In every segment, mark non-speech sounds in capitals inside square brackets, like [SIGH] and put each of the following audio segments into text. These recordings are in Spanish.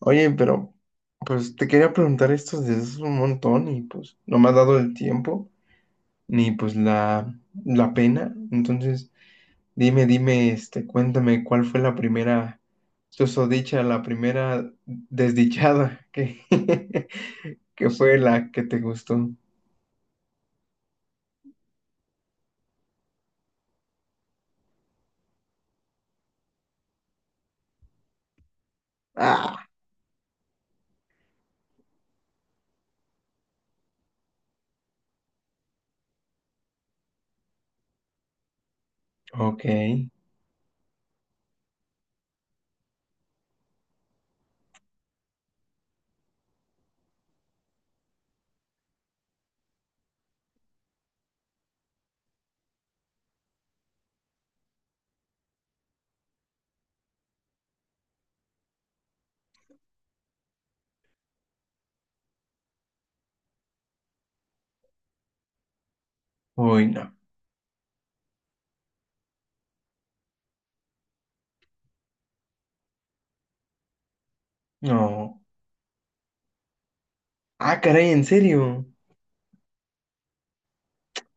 Oye, pero pues te quería preguntar esto desde hace un montón y pues no me ha dado el tiempo ni pues la pena. Entonces, dime, dime, cuéntame cuál fue la primera susodicha, la primera desdichada que, [LAUGHS] que fue la que te gustó. Ok. Uy, no. No. Ah, caray, ¿en serio?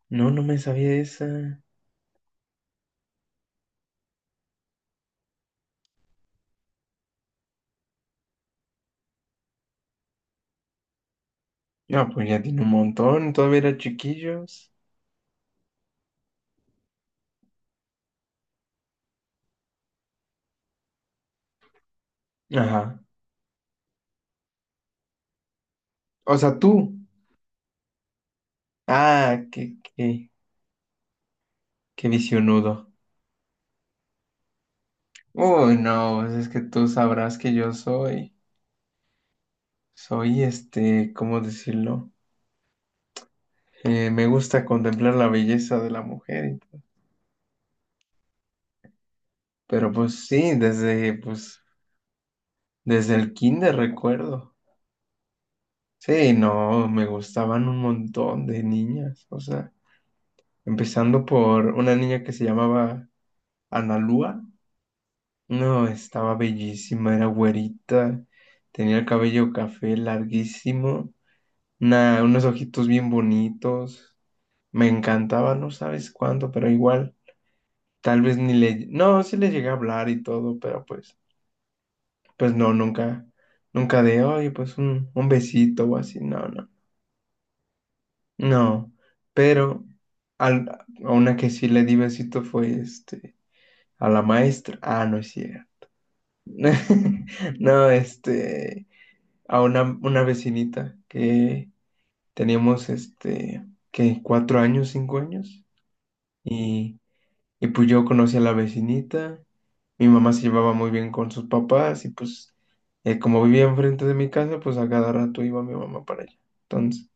No, no me sabía esa. No, pues ya tiene un montón, todavía era chiquillos. Ajá. O sea, tú. Ah, qué, visionudo. Uy, no, pues es que tú sabrás que yo soy ¿cómo decirlo? Me gusta contemplar la belleza de la mujer, pero pues sí, desde el kinder recuerdo. Sí, no, me gustaban un montón de niñas, o sea, empezando por una niña que se llamaba Analúa. No, estaba bellísima, era güerita, tenía el cabello café larguísimo. Nah, unos ojitos bien bonitos. Me encantaba, no sabes cuándo, pero igual, tal vez ni le... No, sí le llegué a hablar y todo, pero pues no, nunca de, oye, pues un besito o así, no, no, no. Pero al- a una que sí le di besito fue, a la maestra. Ah, no es cierto. [LAUGHS] No, a una vecinita que teníamos, que 4 años, 5 años. Y Y pues yo conocí a la vecinita, mi mamá se llevaba muy bien con sus papás y pues como vivía enfrente de mi casa, pues a cada rato iba mi mamá para allá. Entonces,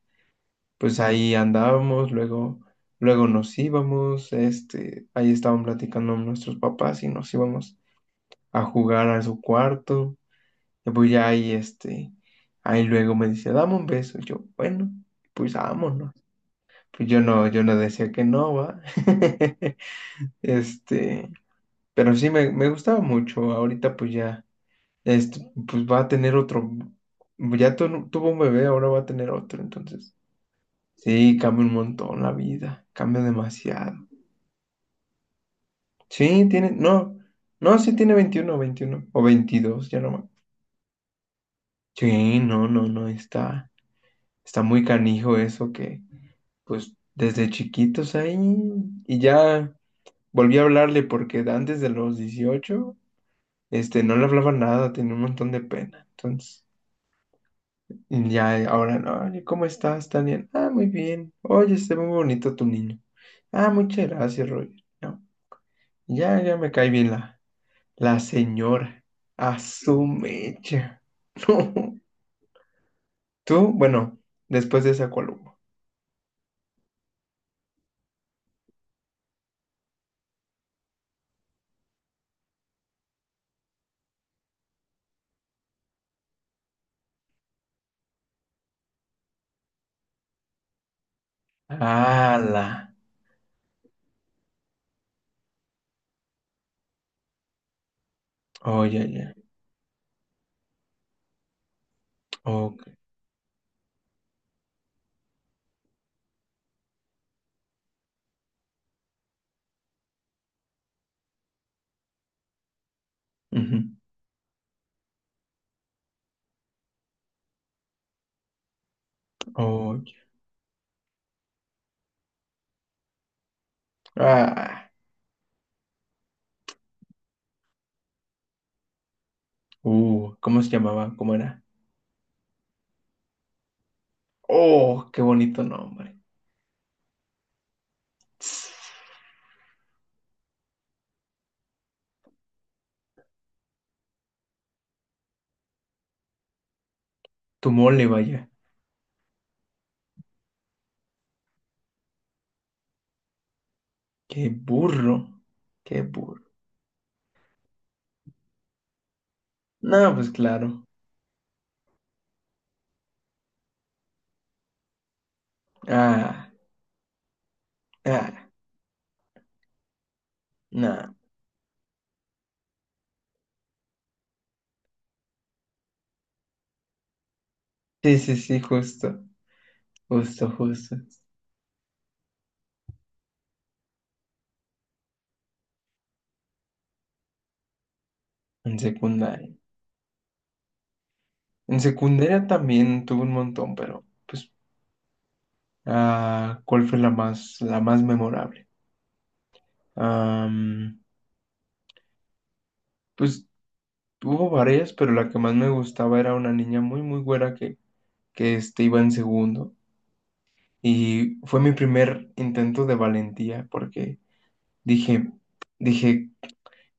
pues ahí andábamos, luego nos íbamos, ahí estaban platicando nuestros papás y nos íbamos a jugar a su cuarto. Y pues ya ahí, luego me dice, dame un beso. Y yo, bueno, pues vámonos. Pues yo no decía que no, va. [LAUGHS] Este, Pero sí, me gustaba mucho. Ahorita pues ya, pues va a tener otro, ya tuvo un bebé, ahora va a tener otro. Entonces, sí, cambia un montón la vida, cambia demasiado. Sí, tiene, no, no, sí tiene veintiuno o 22. Sí, no, no, no, está muy canijo eso que, pues desde chiquitos ahí y ya volví a hablarle porque antes de los 18 no le hablaba nada, tenía un montón de pena. Entonces... Ya, ahora, no, oye, ¿cómo estás, Tania? Ah, muy bien. Oye, está muy bonito tu niño. Ah, muchas gracias, Roger. No, ya, ya me cae bien la señora. A su mecha. [LAUGHS] No. Tú, bueno, después de esa columna. ¡Hala! Oye, ya. Ok. Ujú. Oye. Ah. ¿Cómo se llamaba? ¿Cómo era? Oh, qué bonito nombre. Tss. Tu mole, vaya. Qué burro. Qué burro. No, pues claro. Ah, ah, no. Sí, sí, sí, justo, justo, justo. En secundaria. En secundaria también tuve un montón, pero pues, ¿cuál fue la más memorable? Am, pues hubo varias, pero la que más me gustaba era una niña muy, muy güera que iba en segundo. Y fue mi primer intento de valentía, porque dije, dije,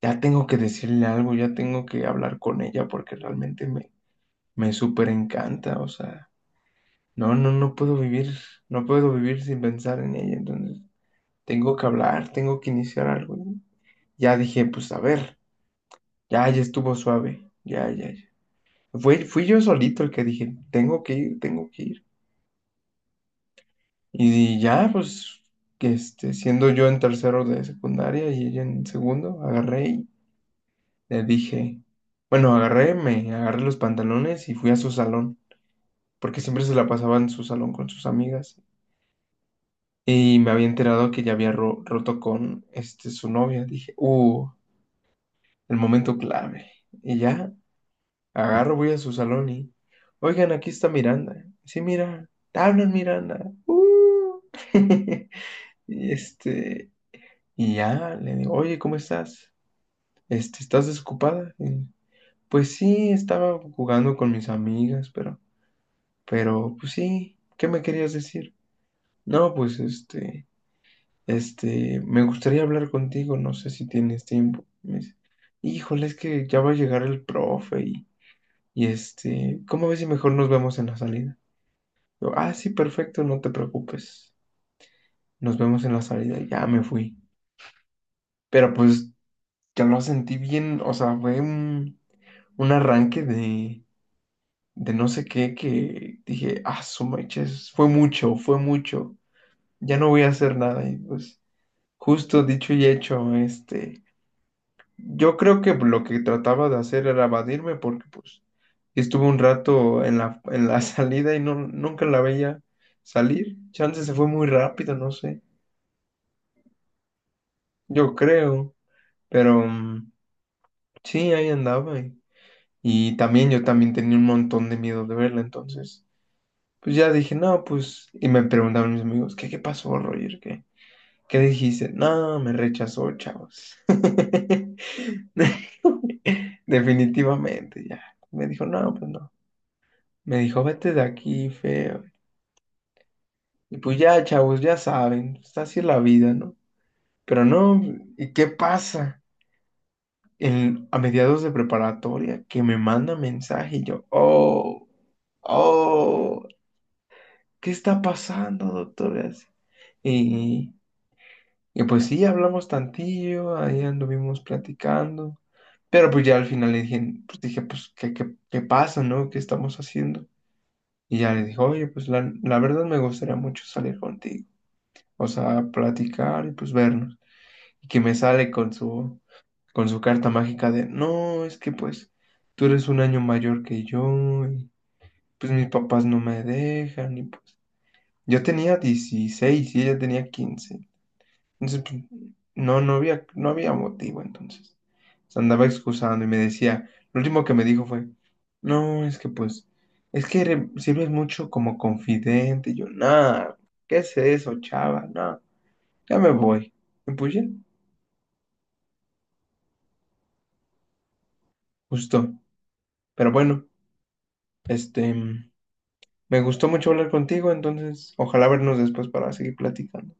ya tengo que decirle algo, ya tengo que hablar con ella porque realmente me súper encanta, o sea, no, no, no puedo vivir sin pensar en ella, entonces tengo que hablar, tengo que iniciar algo, ¿no? Ya dije, pues a ver, ya, ya estuvo suave, ya, ya, ya. Fui yo solito el que dije, tengo que ir, tengo que ir. Y ya, pues, siendo yo en tercero de secundaria y ella en segundo, agarré. Le dije, bueno, me agarré los pantalones y fui a su salón, porque siempre se la pasaba en su salón con sus amigas. Y me había enterado que ya había roto con su novia. Dije, el momento clave. Y ya, agarro, voy a su salón y, oigan, aquí está Miranda. Sí, mira, te hablan Miranda. [LAUGHS] Y este, y ya, le digo, oye, ¿cómo estás? ¿Estás desocupada? Y, pues sí, estaba jugando con mis amigas, pero... Pero, pues sí, ¿qué me querías decir? No, pues me gustaría hablar contigo, no sé si tienes tiempo. Me dice, híjole, es que ya va a llegar el profe y, ¿cómo ves si mejor nos vemos en la salida? Yo, ah, sí, perfecto, no te preocupes. Nos vemos en la salida, ya me fui. Pero pues ya lo sentí bien, o sea, fue un arranque de no sé qué que dije, ah, su meches, fue mucho, ya no voy a hacer nada y pues. Justo dicho y hecho, yo creo que lo que trataba de hacer era evadirme porque pues estuve un rato en la [LAUGHS] salida y no, nunca la veía salir. Chance se fue muy rápido, no sé, yo creo, pero sí, ahí andaba y también yo también tenía un montón de miedo de verla, entonces pues ya dije, no, pues, y me preguntaban mis amigos, ¿qué pasó, Roger? ¿Qué? ¿Qué dijiste? No, me rechazó, chavos. [LAUGHS] Definitivamente, ya. Me dijo, no, pues no. Me dijo, vete de aquí, feo. Y pues ya, chavos, ya saben, está así la vida, ¿no? Pero no, ¿y qué pasa? A mediados de preparatoria, que me manda mensaje y yo, oh, oh, ¿qué está pasando, doctora? Y Y pues sí, hablamos tantillo, ahí anduvimos platicando, pero pues ya al final le dije, pues, ¿qué, pasa, no? ¿Qué estamos haciendo? Y ya le dije, oye, pues la verdad me gustaría mucho salir contigo, o sea, platicar y pues vernos. Y que me sale con su carta mágica de, no, es que pues tú eres un año mayor que yo, y pues mis papás no me dejan, y pues yo tenía 16 y ella tenía 15. Entonces, pues, no, no había motivo entonces. Se andaba excusando y me decía, lo último que me dijo fue, no, es que pues, es que sirves mucho como confidente. Y yo, nada, ¿qué es eso, chava? No, ya me voy. Y pues ya, justo. Pero bueno, este, me gustó mucho hablar contigo, entonces, ojalá vernos después para seguir platicando.